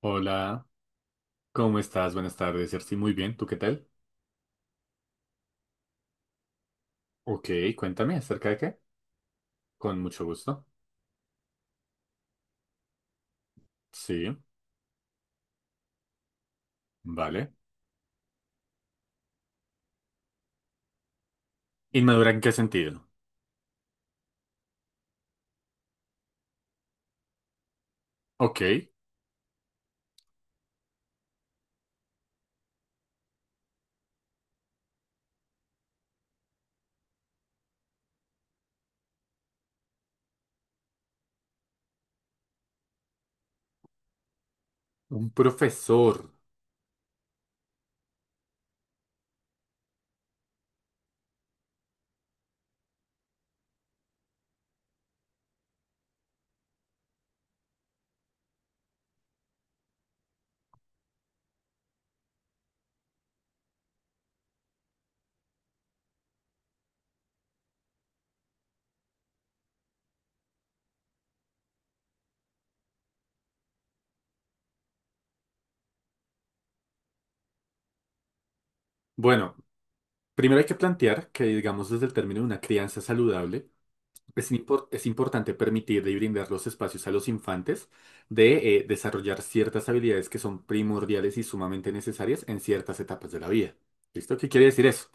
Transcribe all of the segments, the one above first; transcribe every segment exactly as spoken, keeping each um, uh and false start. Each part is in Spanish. Hola, ¿cómo estás? Buenas tardes, Jersey. Muy bien, ¿tú qué tal? Ok, cuéntame, ¿acerca de qué? Con mucho gusto. Sí, vale. ¿Inmadura en qué sentido? Ok, un profesor. Bueno, primero hay que plantear que, digamos, desde el término de una crianza saludable, es, impor- es importante permitir y brindar los espacios a los infantes de eh, desarrollar ciertas habilidades que son primordiales y sumamente necesarias en ciertas etapas de la vida. ¿Listo? ¿Qué quiere decir eso?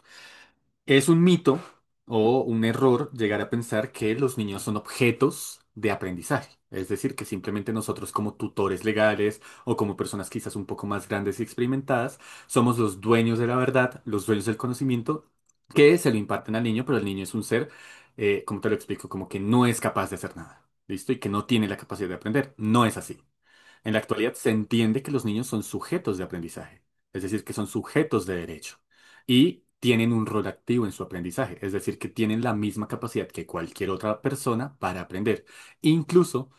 Es un mito o un error llegar a pensar que los niños son objetos de aprendizaje. Es decir, que simplemente nosotros como tutores legales o como personas quizás un poco más grandes y experimentadas, somos los dueños de la verdad, los dueños del conocimiento que se lo imparten al niño, pero el niño es un ser, eh, como te lo explico, como que no es capaz de hacer nada. ¿Listo? Y que no tiene la capacidad de aprender. No es así. En la actualidad se entiende que los niños son sujetos de aprendizaje, es decir, que son sujetos de derecho y tienen un rol activo en su aprendizaje, es decir, que tienen la misma capacidad que cualquier otra persona para aprender. Incluso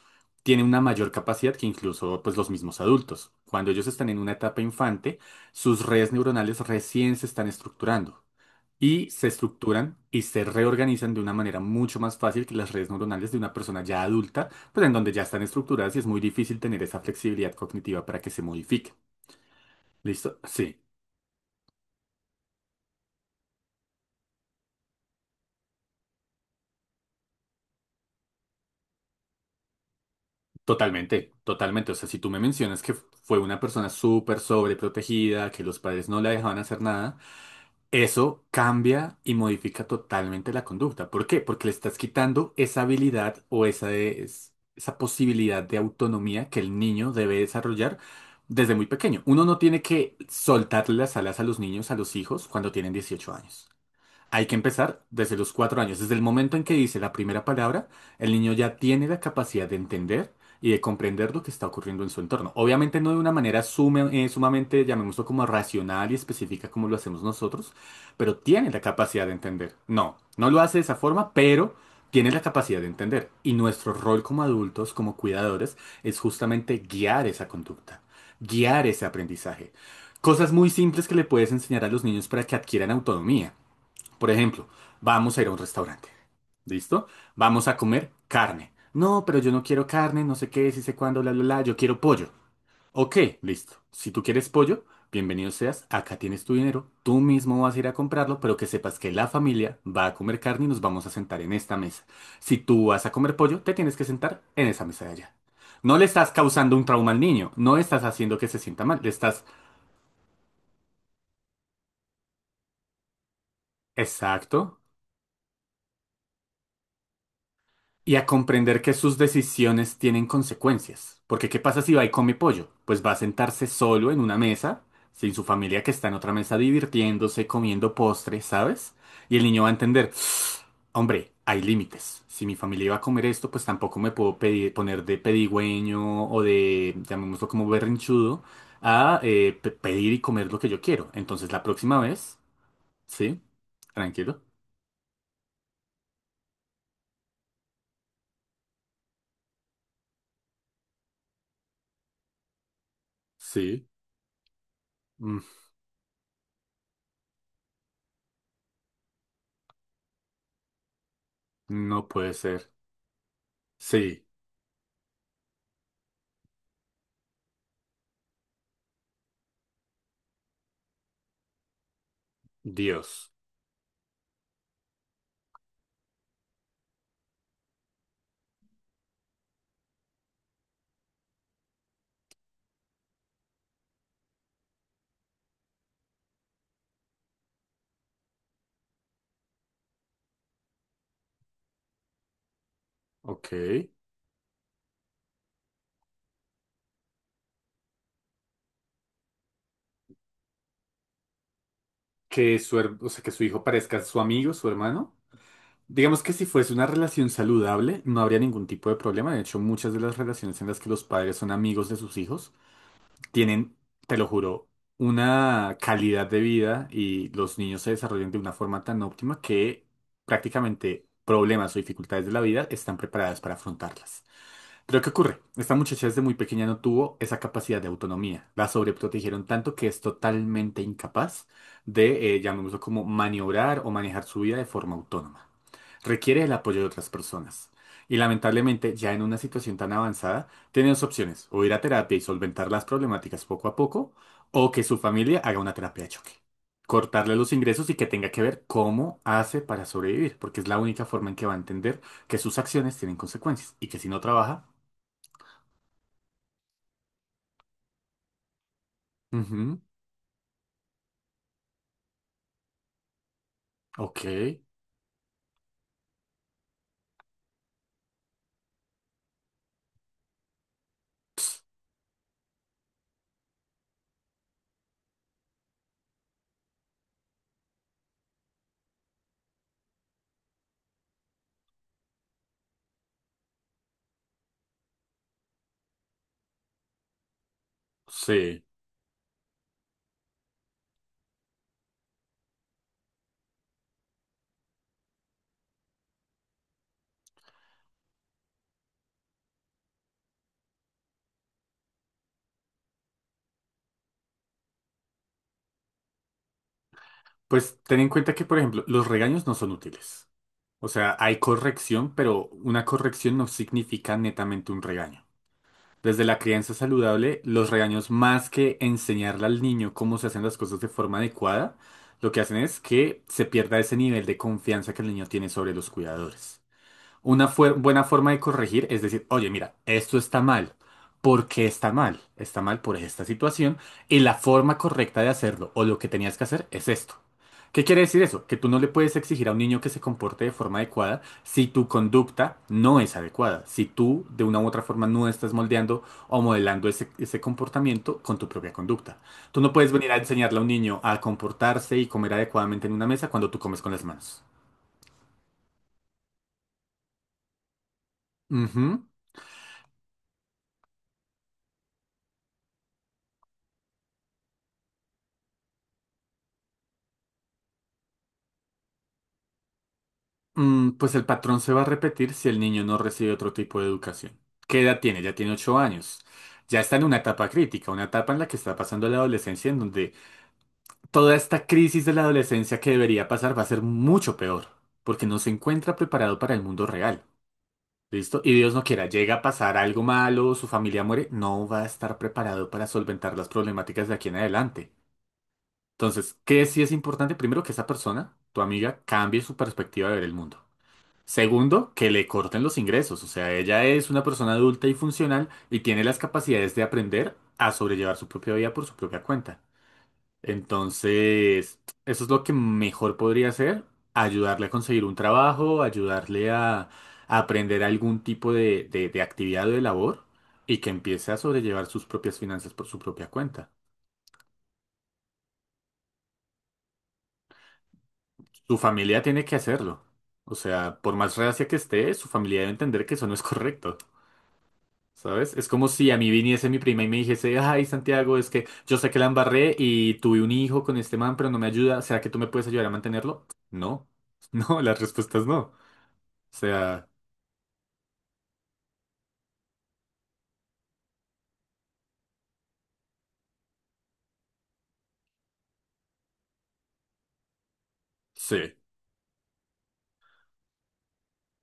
tienen una mayor capacidad que incluso pues, los mismos adultos. Cuando ellos están en una etapa infante, sus redes neuronales recién se están estructurando y se estructuran y se reorganizan de una manera mucho más fácil que las redes neuronales de una persona ya adulta, pues en donde ya están estructuradas y es muy difícil tener esa flexibilidad cognitiva para que se modifique. ¿Listo? Sí, totalmente, totalmente. O sea, si tú me mencionas que fue una persona súper sobreprotegida, que los padres no la dejaban hacer nada, Eso cambia y modifica totalmente la conducta. ¿Por qué? Porque le estás quitando esa habilidad o esa, es- esa posibilidad de autonomía que el niño debe desarrollar desde muy pequeño. Uno no tiene que soltarle las alas a los niños, a los hijos, cuando tienen dieciocho años. Hay que empezar desde los cuatro años. Desde el momento en que dice la primera palabra, el niño ya tiene la capacidad de entender y de comprender lo que está ocurriendo en su entorno. Obviamente no de una manera sume- eh, sumamente, llamémoslo como racional y específica como lo hacemos nosotros, pero tiene la capacidad de entender. No, no lo hace de esa forma, pero tiene la capacidad de entender. Y nuestro rol como adultos, como cuidadores, es justamente guiar esa conducta, guiar ese aprendizaje. Cosas muy simples que le puedes enseñar a los niños para que adquieran autonomía. Por ejemplo, vamos a ir a un restaurante. ¿Listo? Vamos a comer carne. No, pero yo no quiero carne, no sé qué, si sé cuándo, la, la, la, yo quiero pollo. Ok, listo. Si tú quieres pollo, bienvenido seas, acá tienes tu dinero, tú mismo vas a ir a comprarlo, pero que sepas que la familia va a comer carne y nos vamos a sentar en esta mesa. Si tú vas a comer pollo, te tienes que sentar en esa mesa de allá. No le estás causando un trauma al niño, no estás haciendo que se sienta mal, le estás... Exacto. Y a comprender que sus decisiones tienen consecuencias. Porque ¿qué pasa si va y come pollo? Pues va a sentarse solo en una mesa, sin su familia que está en otra mesa divirtiéndose, comiendo postre, ¿sabes? Y el niño va a entender, hombre, hay límites. Si mi familia iba a comer esto, pues tampoco me puedo pedir- poner de pedigüeño o de, llamémoslo como berrinchudo, a eh, pe- pedir y comer lo que yo quiero. Entonces la próxima vez, sí, tranquilo, sí, mm, no puede ser, sí, Dios. Ok. Que su, her- o sea, que su hijo parezca su amigo, su hermano. Digamos que si fuese una relación saludable, no habría ningún tipo de problema. De hecho, muchas de las relaciones en las que los padres son amigos de sus hijos tienen, te lo juro, una calidad de vida y los niños se desarrollan de una forma tan óptima que prácticamente problemas o dificultades de la vida están preparadas para afrontarlas. Pero ¿qué ocurre? Esta muchacha desde muy pequeña no tuvo esa capacidad de autonomía. La sobreprotegieron tanto que es totalmente incapaz de, eh, llamémoslo como, maniobrar o manejar su vida de forma autónoma. Requiere el apoyo de otras personas. Y lamentablemente, ya en una situación tan avanzada, tiene dos opciones, o ir a terapia y solventar las problemáticas poco a poco, o que su familia haga una terapia de choque. Cortarle los ingresos y que tenga que ver cómo hace para sobrevivir, porque es la única forma en que va a entender que sus acciones tienen consecuencias y que si no trabaja, Ujú, Ok, sí. Pues ten en cuenta que, por ejemplo, los regaños no son útiles. O sea, hay corrección, pero una corrección no significa netamente un regaño. Desde la crianza saludable, los regaños, más que enseñarle al niño cómo se hacen las cosas de forma adecuada, lo que hacen es que se pierda ese nivel de confianza que el niño tiene sobre los cuidadores. Una fue- buena forma de corregir es decir, oye, mira, esto está mal. ¿Por qué está mal? Está mal por esta situación y la forma correcta de hacerlo o lo que tenías que hacer es esto. ¿Qué quiere decir eso? Que tú no le puedes exigir a un niño que se comporte de forma adecuada si tu conducta no es adecuada, si tú de una u otra forma no estás moldeando o modelando ese, ese comportamiento con tu propia conducta. Tú no puedes venir a enseñarle a un niño a comportarse y comer adecuadamente en una mesa cuando tú comes con las manos. Ujú. Mm, pues el patrón se va a repetir si el niño no recibe otro tipo de educación. ¿Qué edad tiene? Ya tiene ocho años. Ya está en una etapa crítica, una etapa en la que está pasando la adolescencia, en donde toda esta crisis de la adolescencia que debería pasar va a ser mucho peor, porque no se encuentra preparado para el mundo real. ¿Listo? Y Dios no quiera, llega a pasar algo malo, su familia muere, no va a estar preparado para solventar las problemáticas de aquí en adelante. Entonces, ¿qué sí es importante? Primero, que esa persona, tu amiga, cambie su perspectiva de ver el mundo. Segundo, que le corten los ingresos. O sea, ella es una persona adulta y funcional y tiene las capacidades de aprender a sobrellevar su propia vida por su propia cuenta. Entonces, eso es lo que mejor podría hacer, ayudarle a conseguir un trabajo, ayudarle a, a aprender algún tipo de, de, de actividad o de labor y que empiece a sobrellevar sus propias finanzas por su propia cuenta. Su familia tiene que hacerlo. O sea, por más reacia que esté, su familia debe entender que eso no es correcto. ¿Sabes? Es como si a mí viniese mi prima y me dijese, ay, Santiago, es que yo sé que la embarré y tuve un hijo con este man, pero no me ayuda. ¿Será que tú me puedes ayudar a mantenerlo? No. No, la respuesta es no. O sea, sí.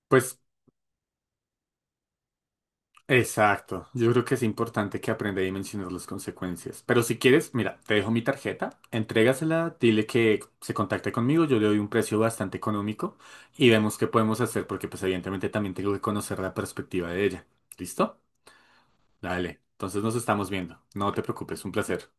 Pues, exacto. Yo creo que es importante que aprenda a dimensionar las consecuencias. Pero si quieres, mira, te dejo mi tarjeta, entrégasela, dile que se contacte conmigo, yo le doy un precio bastante económico y vemos qué podemos hacer porque pues evidentemente también tengo que conocer la perspectiva de ella. ¿Listo? Dale, entonces nos estamos viendo. No te preocupes, un placer.